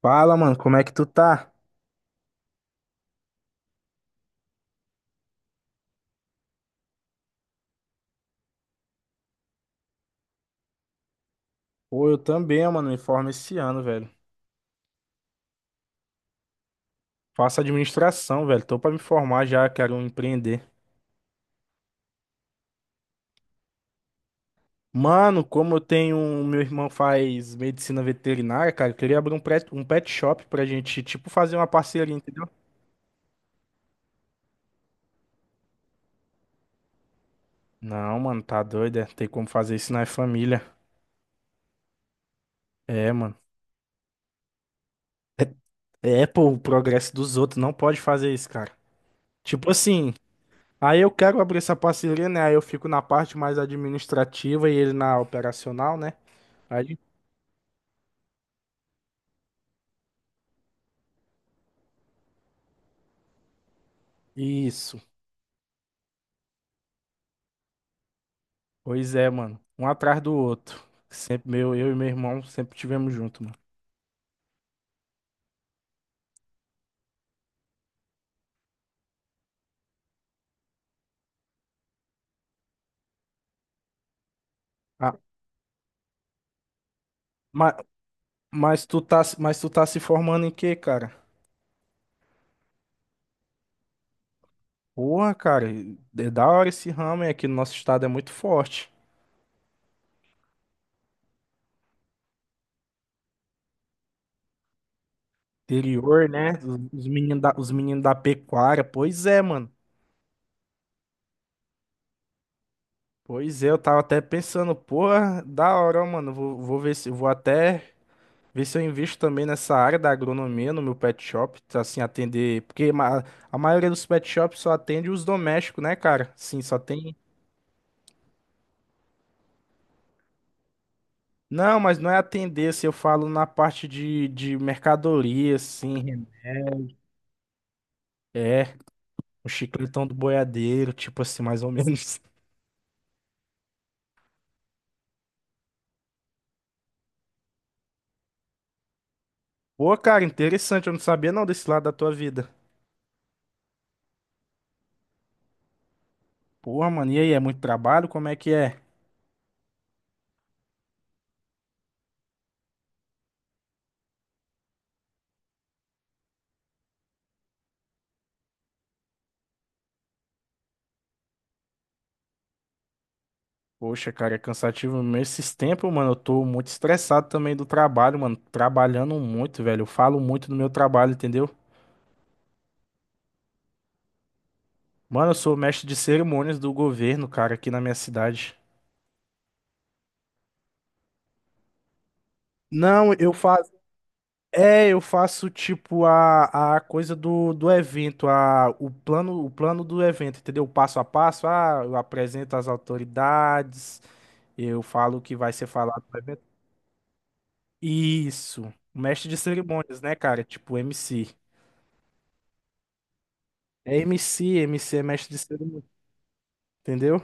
Fala, mano, como é que tu tá? Pô, eu também, mano, me formo esse ano, velho. Faço administração, velho. Tô pra me formar já, quero empreender. Mano, como eu tenho. Meu irmão faz medicina veterinária, cara, eu queria abrir um pet shop pra gente, tipo, fazer uma parceria, entendeu? Não, mano, tá doido, é. Tem como fazer isso na família. É, mano. É, é, pô, o progresso dos outros, não pode fazer isso, cara. Tipo assim, aí eu quero abrir essa parceria, né? Aí eu fico na parte mais administrativa e ele na operacional, né? Isso. Pois é, mano. Um atrás do outro. Sempre meu, eu e meu irmão sempre tivemos junto, mano. Ah, mas, mas tu tá se formando em quê, cara? Porra, cara, é da hora esse ramo, é que no nosso estado é muito forte. Interior, né? Os menino da pecuária. Pois é, mano. Pois é, eu tava até pensando, porra, da hora, ó, mano. Vou ver se vou até ver se eu invisto também nessa área da agronomia no meu pet shop, tá, assim, atender. A maioria dos pet shops só atende os domésticos, né, cara? Sim, só tem. Não, mas não é atender, se eu falo na parte de mercadoria, assim. É, o chicletão do boiadeiro, tipo assim, mais ou menos. Pô, cara, interessante, eu não sabia não desse lado da tua vida. Porra, mano, e aí, é muito trabalho? Como é que é? Poxa, cara, é cansativo mesmo. Esses tempos, mano, eu tô muito estressado também do trabalho, mano. Trabalhando muito, velho. Eu falo muito do meu trabalho, entendeu? Mano, eu sou mestre de cerimônias do governo, cara, aqui na minha cidade. Não, eu faço. É, eu faço tipo a coisa do evento, o plano do evento, entendeu? O passo a passo. Ah, eu apresento as autoridades, eu falo o que vai ser falado no evento. Isso. Mestre de cerimônias, né, cara? Tipo MC. É MC, MC é mestre de cerimônia, entendeu?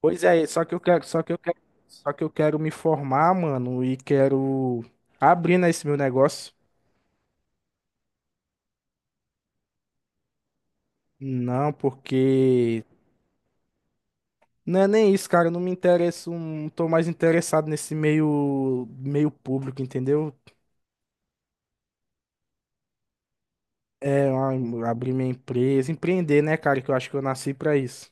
Pois é, só que eu quero me formar, mano, e quero abrir nesse meu negócio. Não, porque não é nem isso, cara, eu não me interesso, não tô mais interessado nesse meio público, entendeu? É, abrir minha empresa, empreender, né, cara, que eu acho que eu nasci pra isso.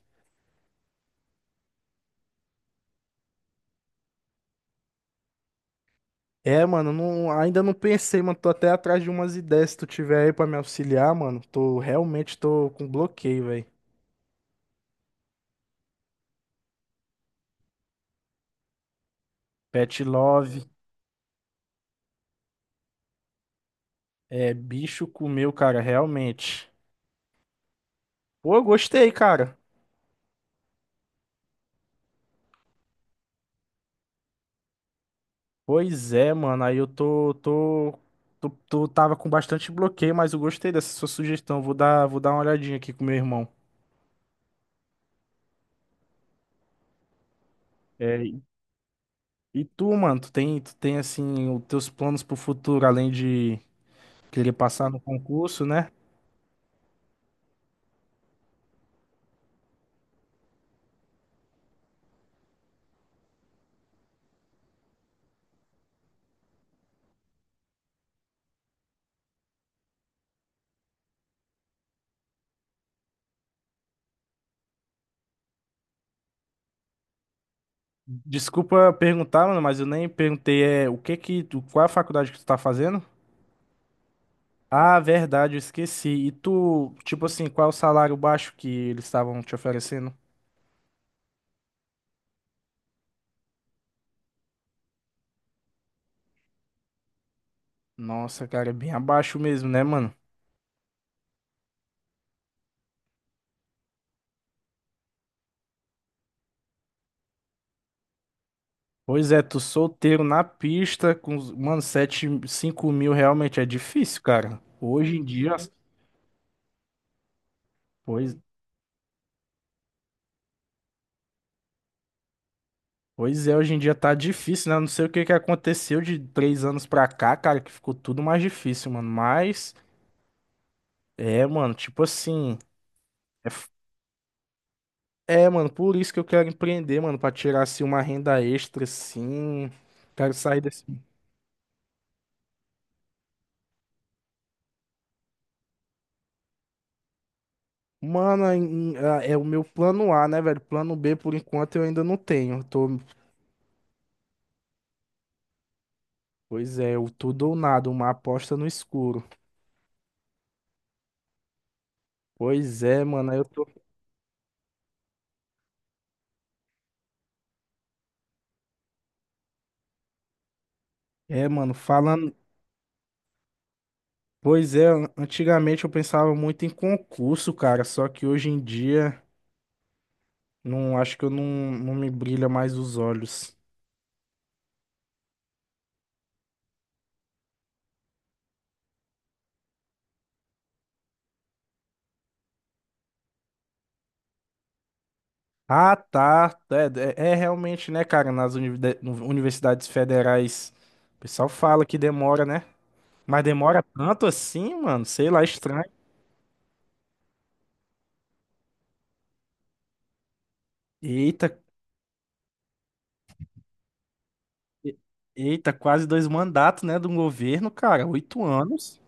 É, mano, não, ainda não pensei, mano. Tô até atrás de umas ideias. Se tu tiver aí pra me auxiliar, mano, tô com bloqueio, velho. Pet Love, é bicho comeu, cara, realmente. Pô, eu gostei, cara. Pois é, mano, aí eu tô, tô, tô, tô- tava com bastante bloqueio, mas eu gostei dessa sua sugestão. Vou dar uma olhadinha aqui com meu irmão. É, e e tu, mano, tu tem assim, os teus planos pro futuro, além de querer passar no concurso, né? Desculpa perguntar, mano, mas eu nem perguntei, é, o que que, tu- qual é a faculdade que tu tá fazendo? Ah, verdade, eu esqueci. E tu, tipo assim, qual é o salário baixo que eles estavam te oferecendo? Nossa, cara, é bem abaixo mesmo, né, mano? Pois é, tu solteiro na pista mano, 7 5 mil realmente é difícil, cara. Hoje em dia, as- pois, pois é, hoje em dia tá difícil, né? Eu não sei o que que aconteceu de três anos pra cá, cara, que ficou tudo mais difícil, mano. Mas, é, mano, tipo assim. É, É, mano, por isso que eu quero empreender, mano, pra tirar assim uma renda extra, assim. Quero sair desse. Mano, é o meu plano A, né, velho? Plano B, por enquanto, eu ainda não tenho. Eu tô... Pois é, o tudo ou nada, uma aposta no escuro. Pois é, mano, aí eu tô. É, mano, falando. Pois é, antigamente eu pensava muito em concurso, cara, só que hoje em dia, não acho que eu não, não me brilha mais os olhos. Ah, tá. É realmente, né, cara? Nas universidades federais, o pessoal fala que demora, né? Mas demora tanto assim, mano? Sei lá, estranho. Eita, e- eita, quase dois mandatos, né, de um governo, cara. Oito anos.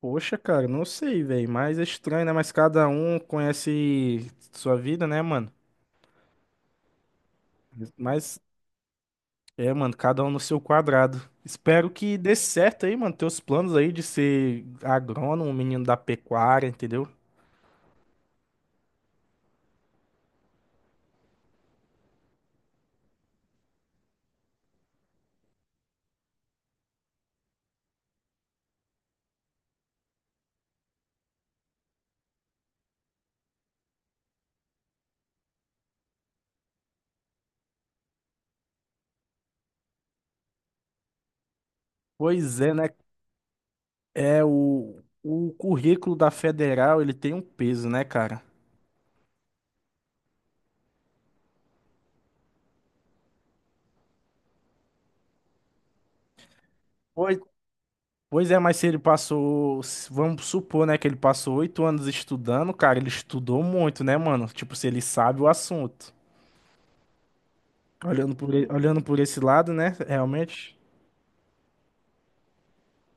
Poxa, cara, não sei, velho. Mas é estranho, né? Mas cada um conhece sua vida, né, mano? Mas é, mano, cada um no seu quadrado. Espero que dê certo aí, mano. Teus planos aí de ser agrônomo, menino da pecuária, entendeu? Pois é, né? É o currículo da Federal, ele tem um peso, né, cara? Pois, pois é, mas se ele passou, se- vamos supor, né, que ele passou oito anos estudando, cara, ele estudou muito, né, mano? Tipo, se ele sabe o assunto. Olhando por esse lado, né, realmente.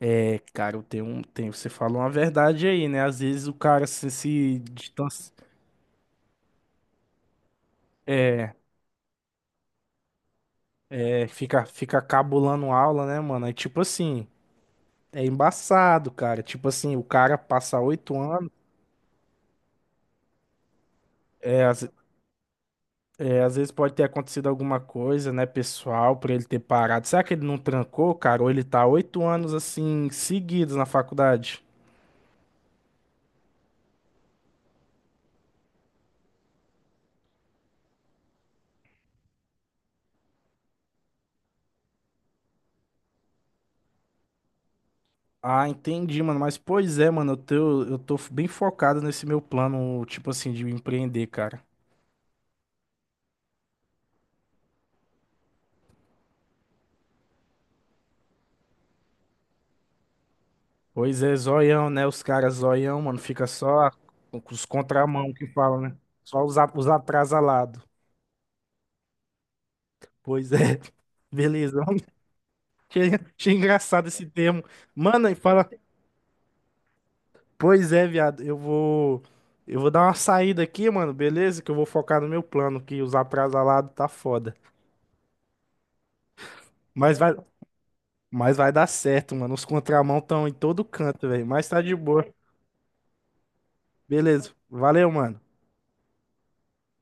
É, cara, eu tenho um, tem, você falou uma verdade aí, né? Às vezes o cara se distancia, é, fica cabulando aula, né, mano? É tipo assim, é embaçado, cara. Tipo assim, o cara passa oito anos. É, as- É, às vezes pode ter acontecido alguma coisa, né, pessoal, pra ele ter parado. Será que ele não trancou, cara? Ou ele tá oito anos, assim, seguidos na faculdade? Ah, entendi, mano. Mas, pois é, mano, eu tô bem focado nesse meu plano, tipo assim, de empreender, cara. Pois é, zoião, né? Os caras zoião, mano, com os contramão que falam, né? Os atrasalados. Pois é. Beleza. Achei achei engraçado esse termo. Mano, e fala Pois é, viado, eu vou dar uma saída aqui, mano, beleza? Que eu vou focar no meu plano, que os atrasalados tá foda. Mas vai, mas vai dar certo, mano. Os contramão estão em todo canto, velho. Mas tá de boa. Beleza. Valeu, mano.